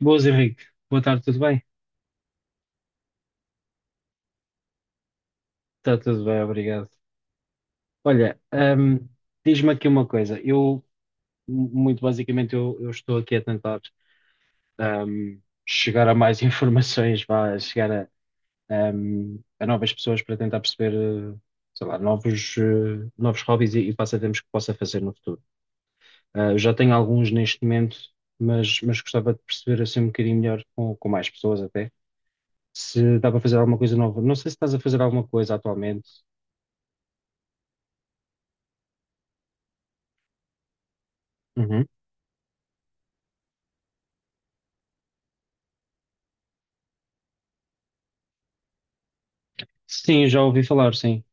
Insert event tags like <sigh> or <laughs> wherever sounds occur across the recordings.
Boas, Henrique. Boa tarde, tudo bem? Está tudo bem, obrigado. Olha, diz-me aqui uma coisa. Muito basicamente, eu estou aqui a tentar ahm, chegar a mais <laughs> informações, vá, chegar a novas pessoas para tentar perceber, eh, sei lá, novos hobbies e passatempos que possa fazer no futuro. Ah, eu já tenho alguns neste momento, mas gostava de perceber assim um bocadinho melhor com mais pessoas até, se dá para fazer alguma coisa nova. Não sei se estás a fazer alguma coisa atualmente. Sim, já ouvi falar, sim.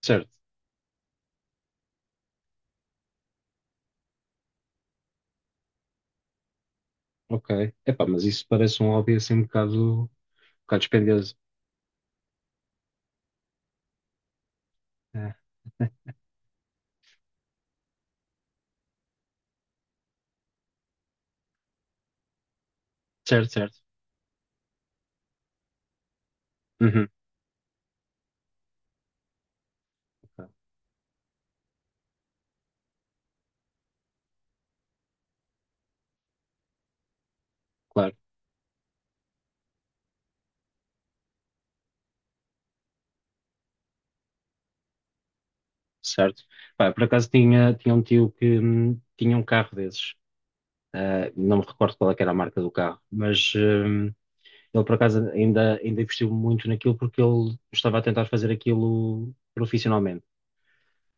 Certo, ok. Epá, mas isso parece um hobby assim um bocado dispendioso. É. Certo, certo. Uhum, ok, claro, certo. Pá, por acaso tinha um tio que tinha um carro desses. Ah, não me recordo qual é que era a marca do carro, mas ele por acaso ainda investiu muito naquilo porque ele estava a tentar fazer aquilo profissionalmente.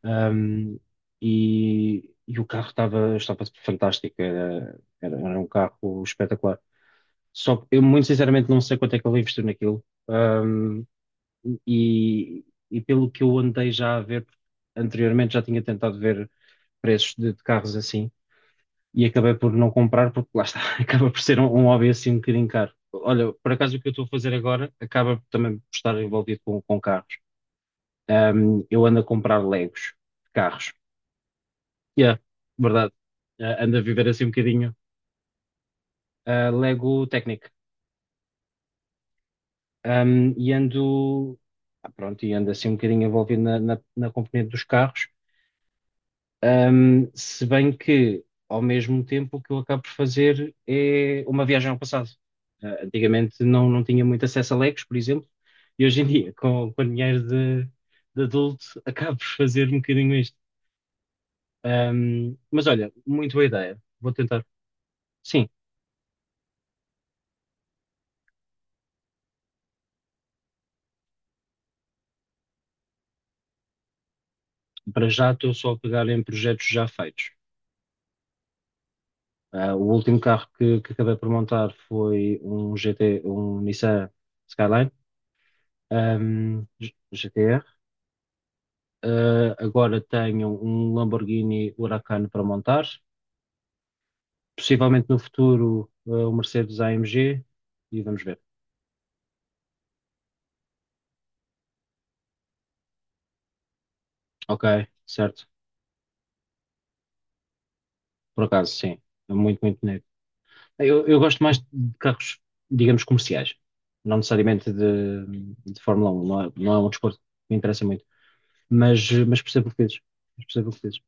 Hum, e o carro estava fantástico, era um carro espetacular. Só que eu, muito sinceramente, não sei quanto é que ele investiu naquilo. E, e pelo que eu andei já a ver, anteriormente já tinha tentado ver preços de carros assim e acabei por não comprar, porque lá está, <laughs> acaba por ser um hobby assim um bocadinho caro. Olha, por acaso o que eu estou a fazer agora acaba também por estar envolvido com carros. Eu ando a comprar Legos de carros. Yeah, verdade. Ah, ando a viver assim um bocadinho. Ah, Lego Technic. Um, e pronto, e ando assim um bocadinho envolvido na componente dos carros. Um, se bem que ao mesmo tempo o que eu acabo por fazer é uma viagem ao passado. Ah, antigamente não tinha muito acesso a Legos, por exemplo, e hoje em dia, <laughs> com, com dinheiro de adulto, <laughs> acabo por fazer um bocadinho isto. Um, mas olha, muito boa ideia, vou tentar. Sim, para já estou só a pegar em projetos já feitos. Ah, o último carro que acabei por montar foi um GT, um Nissan Skyline, GTR. Ah, agora tenho um Lamborghini Huracan para montar. Possivelmente no futuro, ah, um Mercedes AMG e vamos ver. Ok, certo. Por acaso, sim. É muito, muito bonito. Eu gosto mais de carros, digamos, comerciais. Não necessariamente de Fórmula 1. Não é um desporto que me interessa muito. Mas percebo o que dizes. Mas percebo o que dizes.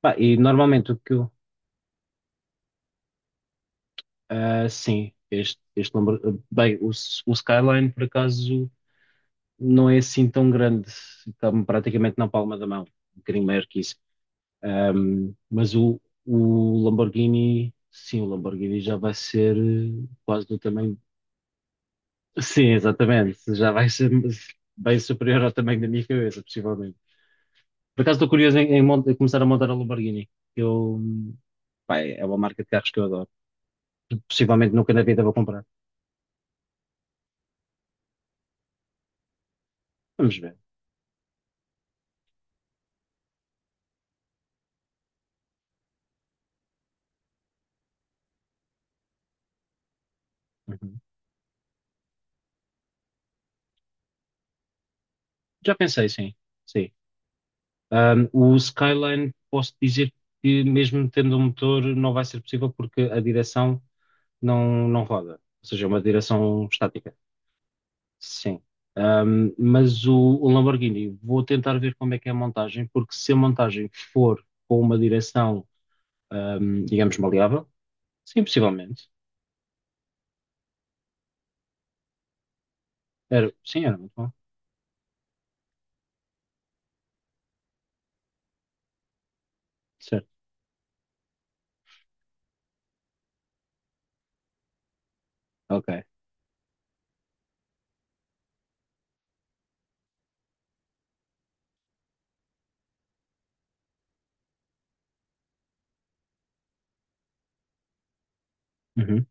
Pá, e normalmente o que eu. Ah, sim, este número. Bem, o Skyline, por acaso, não é assim tão grande. Está-me praticamente na palma da mão. Um bocadinho maior que isso. Ahm, mas o, o Lamborghini. Sim, o Lamborghini já vai ser quase do tamanho. Sim, exatamente. Já vai ser <laughs> bem superior ao tamanho da minha cabeça, possivelmente. Por acaso estou curioso em começar a montar a Lamborghini. Eu, pá, é uma marca de carros que eu adoro. Possivelmente nunca na vida vou comprar. Vamos ver. Uhum. Já pensei, sim. Sim. O Skyline, posso dizer que, mesmo tendo um motor, não vai ser possível porque a direção não roda. Ou seja, é uma direção estática. Sim. Mas o Lamborghini, vou tentar ver como é que é a montagem, porque se a montagem for com uma direção, digamos, maleável, sim, possivelmente. Era, sim, era muito bom. Certo. Ok. Uhum.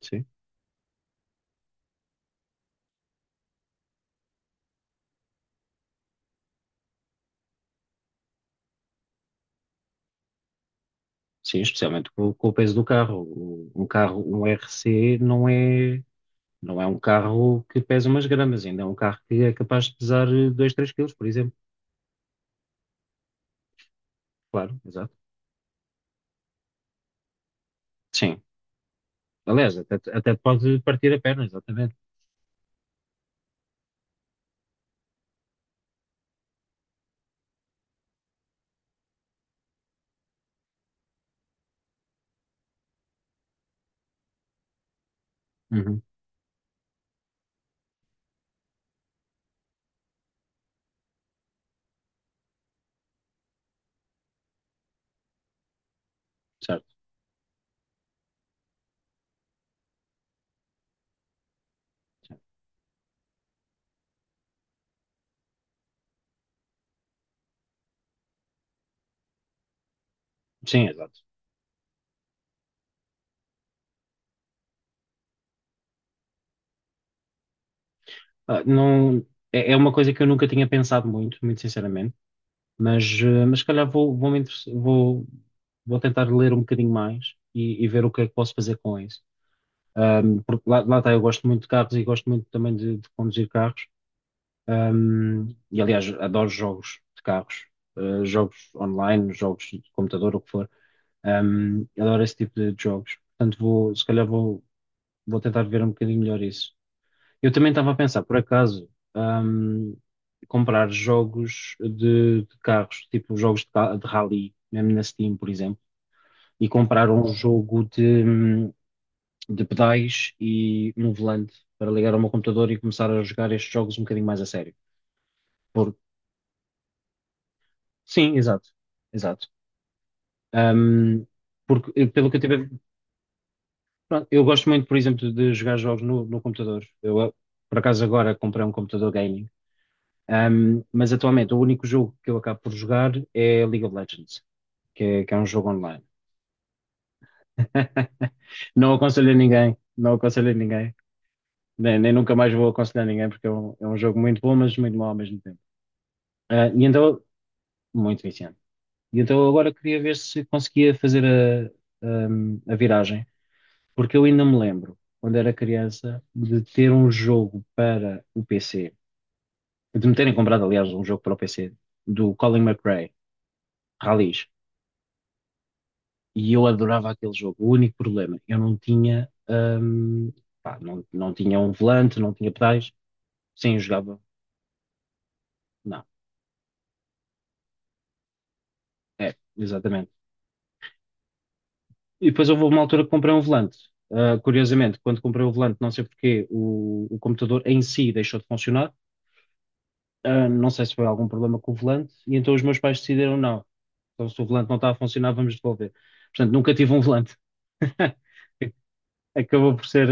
Sim. Sim, especialmente com o peso do carro. O- Um carro, um R C não é. Não é um carro que pesa umas gramas, ainda é um carro que é capaz de pesar 2, 3 quilos, por exemplo. Claro, exato. Sim. Aliás, até pode partir a perna, exatamente. Uhum, certo. Sim, exato. Ah, não, é, é uma coisa que eu nunca tinha pensado muito, muito sinceramente, mas, eh, mas se calhar vou, vou, me interess- vou, vou tentar ler um bocadinho mais e ver o que é que posso fazer com isso. Porque lá está, eu gosto muito de carros e gosto muito também de conduzir carros. Um, e aliás, adoro jogos de carros, jogos online, jogos de computador, o que for. Um, adoro esse tipo de jogos. Portanto, vou, se calhar vou, vou tentar ver um bocadinho melhor isso. Eu também estava a pensar, por acaso, um, comprar jogos de carros, tipo jogos de rally, mesmo na Steam, por exemplo, e comprar um jogo de pedais e um volante para ligar ao meu computador e começar a jogar estes jogos um bocadinho mais a sério por. Sim, exato, exato. Ahm, porque, eh, pelo que eu tive, pronto, eu gosto muito, por exemplo, de jogar jogos no computador. Eu, eh, por acaso, agora comprei um computador gaming. Mas atualmente o único jogo que eu acabo por jogar é League of Legends, que é um jogo online. <laughs> Não aconselho a ninguém, não aconselho a ninguém, nem, nem nunca mais vou aconselhar ninguém, porque é um jogo muito bom, mas muito mau ao mesmo tempo. Ah, e então, muito viciante. E então agora queria ver se conseguia fazer a viragem. Porque eu ainda me lembro, quando era criança, de ter um jogo para o PC, de me terem comprado, aliás, um jogo para o PC, do Colin McRae Rallies, e eu adorava aquele jogo. O único problema, eu não tinha, pá, não tinha um volante, não tinha pedais, sim, eu jogava, não, é, exatamente. E depois houve uma altura que comprei um volante. Ah, curiosamente, quando comprei o volante, não sei porquê, o computador em si deixou de funcionar. Ah, não sei se foi algum problema com o volante, e então os meus pais decidiram não. Então, se o volante não está a funcionar, vamos devolver. Portanto, nunca tive um volante. <laughs> Acabou por ser,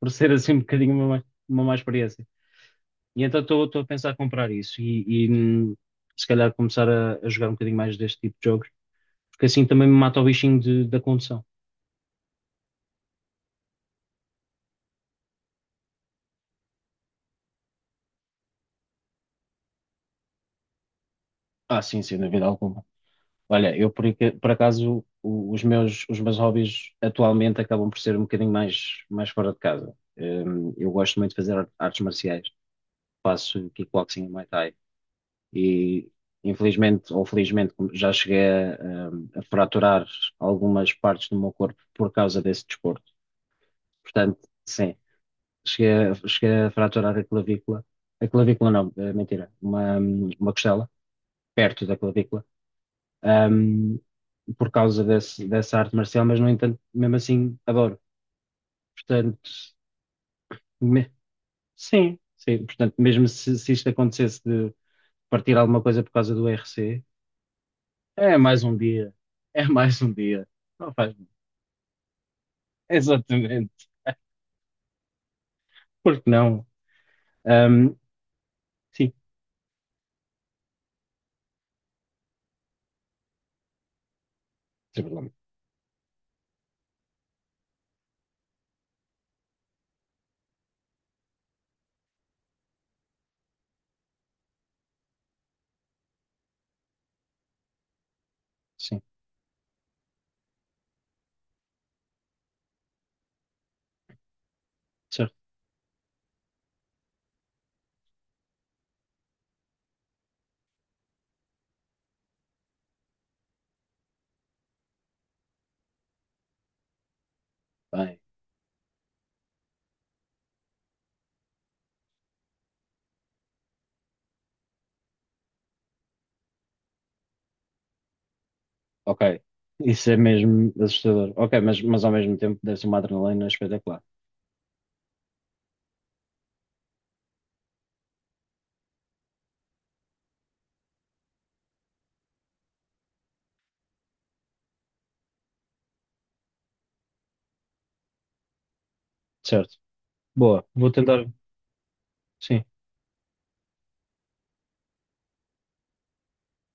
por ser assim um bocadinho uma má experiência. E então estou a pensar comprar isso hum, se calhar começar a jogar um bocadinho mais deste tipo de jogos, porque assim também me mata o bichinho de- da condução. Ah, sim, sem dúvida alguma. Olha, eu por acaso os meus hobbies atualmente acabam por ser um bocadinho mais fora de casa. Eu gosto muito de fazer artes marciais, faço kickboxing e Muay Thai. E infelizmente ou felizmente já cheguei a, um, a fraturar algumas partes do meu corpo por causa desse desporto. Portanto, sim, cheguei a fraturar a clavícula. A clavícula não, eh, mentira, uma costela perto da clavícula, um, por causa dessa arte marcial, mas no entanto, mesmo assim, adoro. Portanto, me- sim, sim. Portanto, mesmo se isto acontecesse de partir alguma coisa por causa do RC, é mais um dia. É mais um dia. Não faz mal. Exatamente. Por que não? Ahm, sim, sem problema. Sim, certo. Bem, ok. Isso é mesmo assustador. Ok, mas ao mesmo tempo deve ser uma adrenalina espetacular. Certo. Boa. Vou tentar. Sim,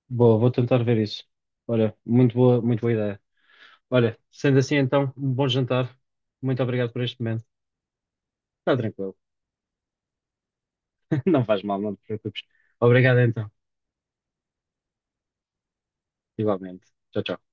boa. Vou tentar ver isso. Olha, muito boa ideia. Olha, sendo assim então, um bom jantar. Muito obrigado por este momento. Está tranquilo. <laughs> Não faz mal, não te preocupes. Obrigado então. Igualmente. Tchau, tchau.